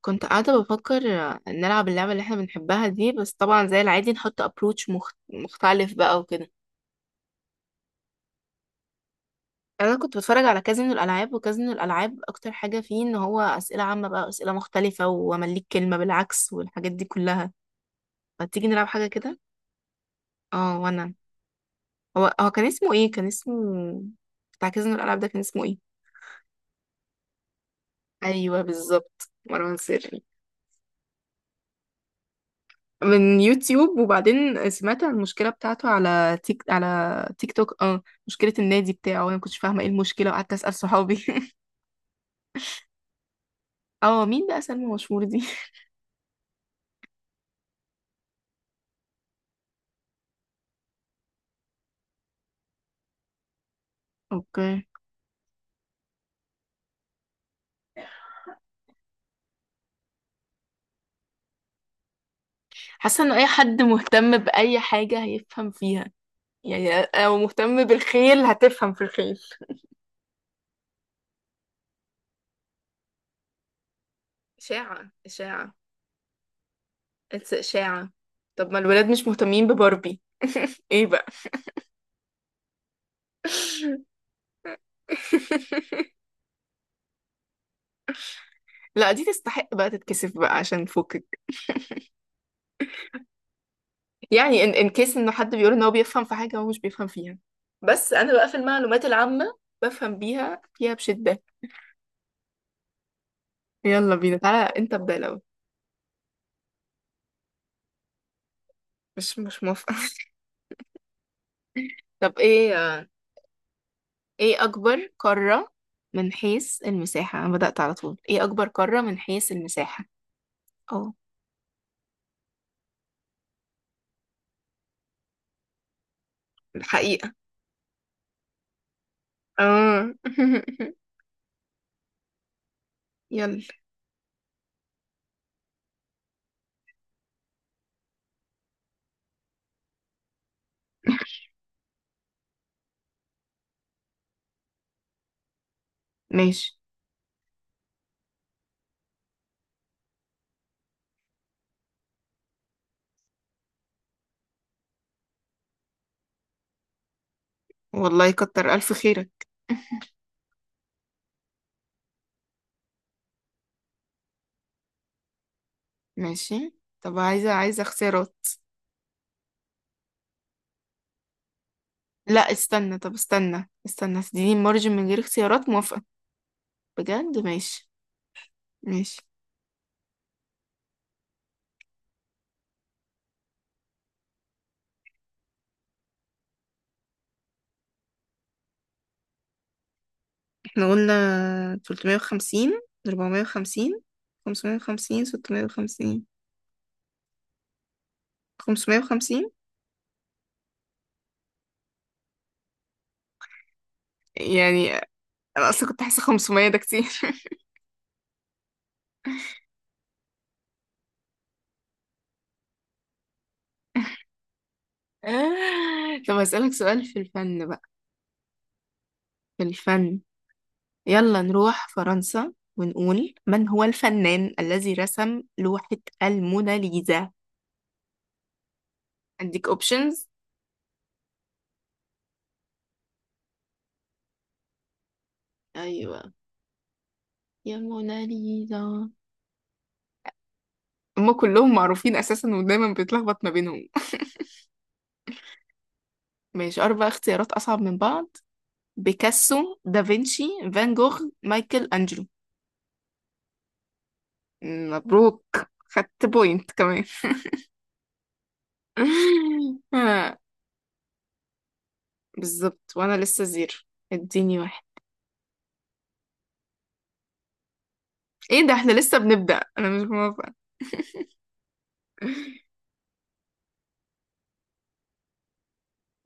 كنت قاعدة بفكر نلعب اللعبة اللي احنا بنحبها دي. بس طبعا زي العادي نحط ابروتش مختلف بقى وكده. انا كنت بتفرج على كازينو الالعاب، وكازينو الالعاب اكتر حاجة فيه ان هو اسئلة عامة بقى، اسئلة مختلفة، وامليك كلمة بالعكس والحاجات دي كلها. فتيجي نلعب حاجة كده. اه وانا. هو كان اسمه ايه؟ كان اسمه بتاع كازينو الالعاب ده كان اسمه ايه؟ ايوه بالظبط، مروان سري. من يوتيوب، وبعدين سمعت عن المشكلة بتاعته على تيك توك، اه مشكلة النادي بتاعه، وانا ما كنتش فاهمة ايه المشكلة وقعدت اسأل صحابي. اه مين بقى سلمى مشهور دي؟ اوكي. حاسة ان اي حد مهتم بأي حاجة هيفهم فيها، يعني او مهتم بالخيل هتفهم في الخيل. إشاعة، إشاعة، it's إشاعة. طب ما الولاد مش مهتمين بباربي؟ ايه بقى؟ لا دي تستحق بقى تتكسف بقى عشان فوق. يعني ان كيس انه حد بيقول ان هو بيفهم في حاجه هو مش بيفهم فيها. بس انا بقى في المعلومات العامه بفهم بيها فيها بشده. يلا بينا، تعالى انت ابدا الاول. مش موافقه. طب ايه؟ ايه اكبر قاره من حيث المساحه؟ انا بدات على طول، ايه اكبر قاره من حيث المساحه؟ اه الحقيقه، اه. يلا ماشي. والله كتر الف خيرك. ماشي. طب عايزه اختيارات. لا استنى، طب استنى استنى، تديني مارجن من غير اختيارات، موافقة. بجد ماشي. ماشي احنا قلنا 350، 450، 550، 650. 550. يعني انا اصلا كنت حاسة 500 ده كتير. طب هسألك سؤال في الفن بقى، في الفن. يلا نروح فرنسا ونقول، من هو الفنان الذي رسم لوحة الموناليزا؟ عندك اوبشنز. ايوه، يا موناليزا. هما كلهم معروفين اساسا ودايما بيتلخبط ما بينهم. ماشي، اربع اختيارات اصعب من بعض: بيكاسو، دافنشي، فان جوخ، مايكل انجلو. مبروك، خدت بوينت كمان. آه، بالظبط وانا لسه زيرو. اديني واحد. ايه ده احنا لسه بنبدأ، انا مش موافقة.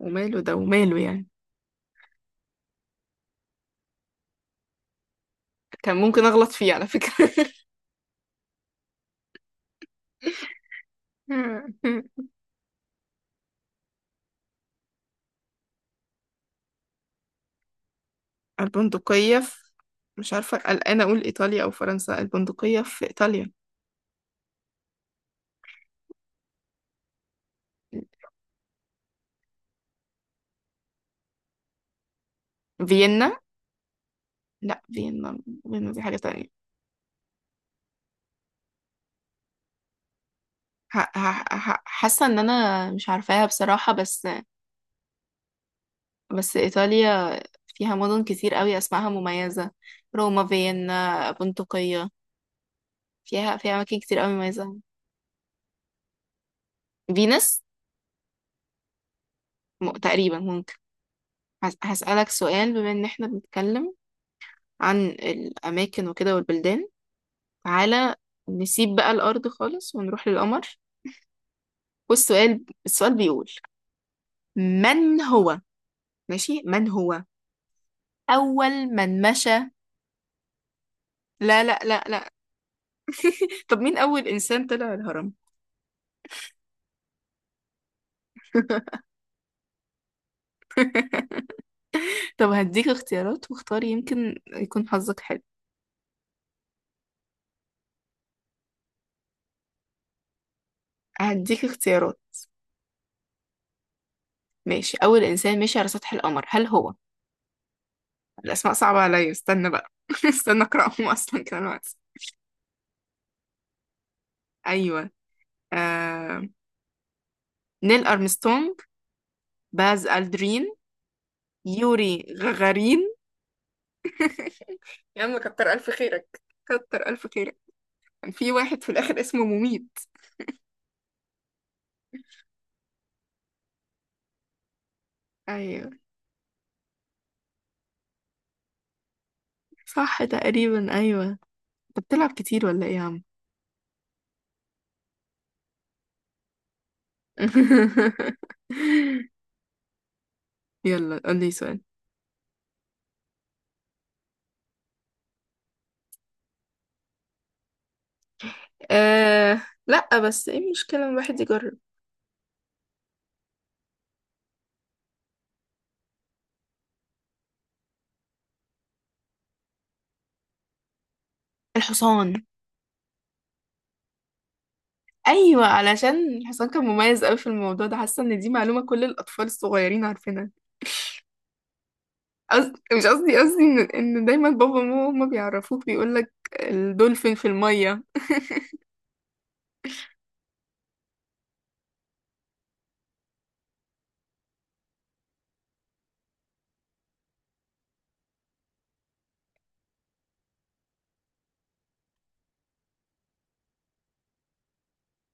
وماله، ده وماله يعني؟ كان ممكن اغلط فيه على فكرة. البندقية في، مش عارفة قلقانة، اقول ايطاليا او فرنسا؟ البندقية في ايطاليا. فيينا، لا فيينا، فيينا دي حاجة تانية. حاسة ان انا مش عارفاها بصراحة، بس بس ايطاليا فيها مدن كتير قوي اسمائها مميزة. روما، فيينا، بندقية. فيها، فيها اماكن كتير قوي مميزة. فينس، تقريبا ممكن. هسألك سؤال، بما ان احنا بنتكلم عن الاماكن وكده والبلدان، تعالى نسيب بقى الارض خالص ونروح للقمر. والسؤال، السؤال بيقول، من هو؟ ماشي، من هو اول من مشى؟ لا لا لا لا. طب مين أول إنسان طلع الهرم؟ طب هديك اختيارات واختاري يمكن يكون حظك حلو. هديك اختيارات. ماشي، أول إنسان مشي على سطح القمر هل هو، الأسماء صعبة عليا استنى بقى، استنى أقرأهم أصلا كمان وقت. أيوه، آه... نيل أرمسترونج، باز ألدرين، يوري غغارين. يا عم كتر ألف خيرك، كتر ألف خيرك. كان في واحد في الآخر اسمه مميت. أيوه. صح تقريبا، أيوه. أنت بتلعب كتير ولا إيه يا عم؟ يلا قولي سؤال. أه لا بس ايه المشكلة ان الواحد يجرب؟ الحصان. ايوه علشان الحصان كان مميز قوي في الموضوع ده، حاسه ان دي معلومه كل الاطفال الصغيرين عارفينها. مش قصدي ان دايما بابا وماما هما بيعرفوك بيقول لك الدولفين في الميه.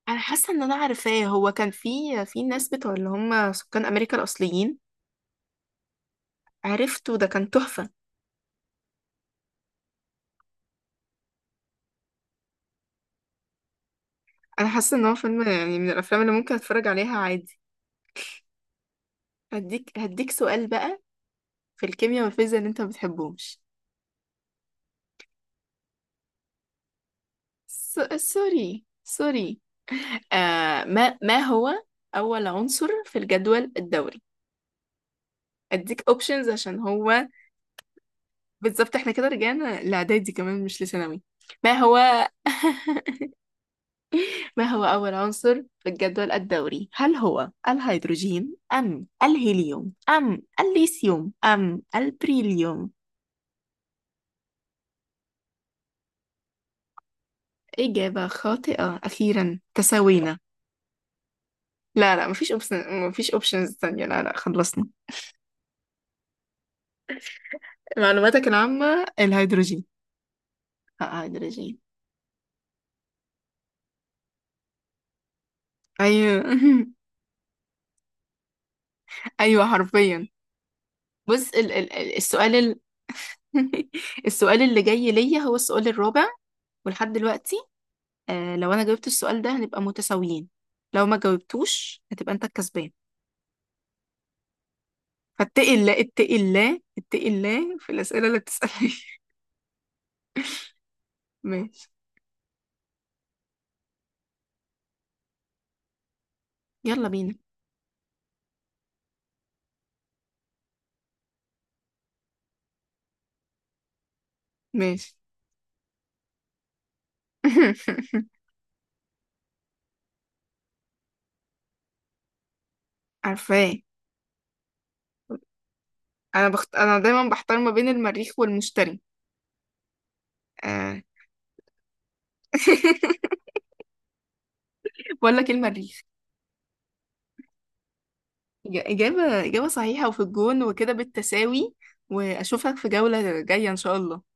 انا حاسه ان انا عارفاه، هو كان في، ناس بتوع اللي هم سكان امريكا الاصليين. عرفته، ده كان تحفه. انا حاسه ان هو فيلم يعني من الافلام اللي ممكن اتفرج عليها عادي. هديك سؤال بقى في الكيمياء والفيزياء اللي انت ما بتحبهمش. س- سوري سوري. آه ما هو اول عنصر في الجدول الدوري؟ اديك اوبشنز عشان هو، بالظبط احنا كده رجعنا لاعدادي كمان مش لثانوي. ما هو، ما هو اول عنصر في الجدول الدوري، هل هو الهيدروجين، ام الهيليوم، ام الليثيوم، ام البريليوم؟ اجابة خاطئة، اخيرا تساوينا. لا لا، مفيش اوبشن، مفيش اوبشنز تانية، لا لا خلصنا. معلوماتك العامة الهيدروجين. لا، هيدروجين. أيوة. أيوة حرفيا. بص السؤال ال، السؤال اللي جاي ليا هو السؤال الرابع، ولحد دلوقتي آه لو أنا جاوبت السؤال ده هنبقى متساويين، لو ما جاوبتوش هتبقى أنت الكسبان. فاتقي الله، اتقي الله، اتقي الله في الأسئلة اللي بتسألني. ماشي. يلا بينا. ماشي. عارفاه. أنا أنا دايما بحتار ما بين المريخ والمشتري. آه. بقول لك إيه، المريخ. إجابة صحيحة، وفي الجون، وكده بالتساوي. وأشوفك في جولة جاية إن شاء الله.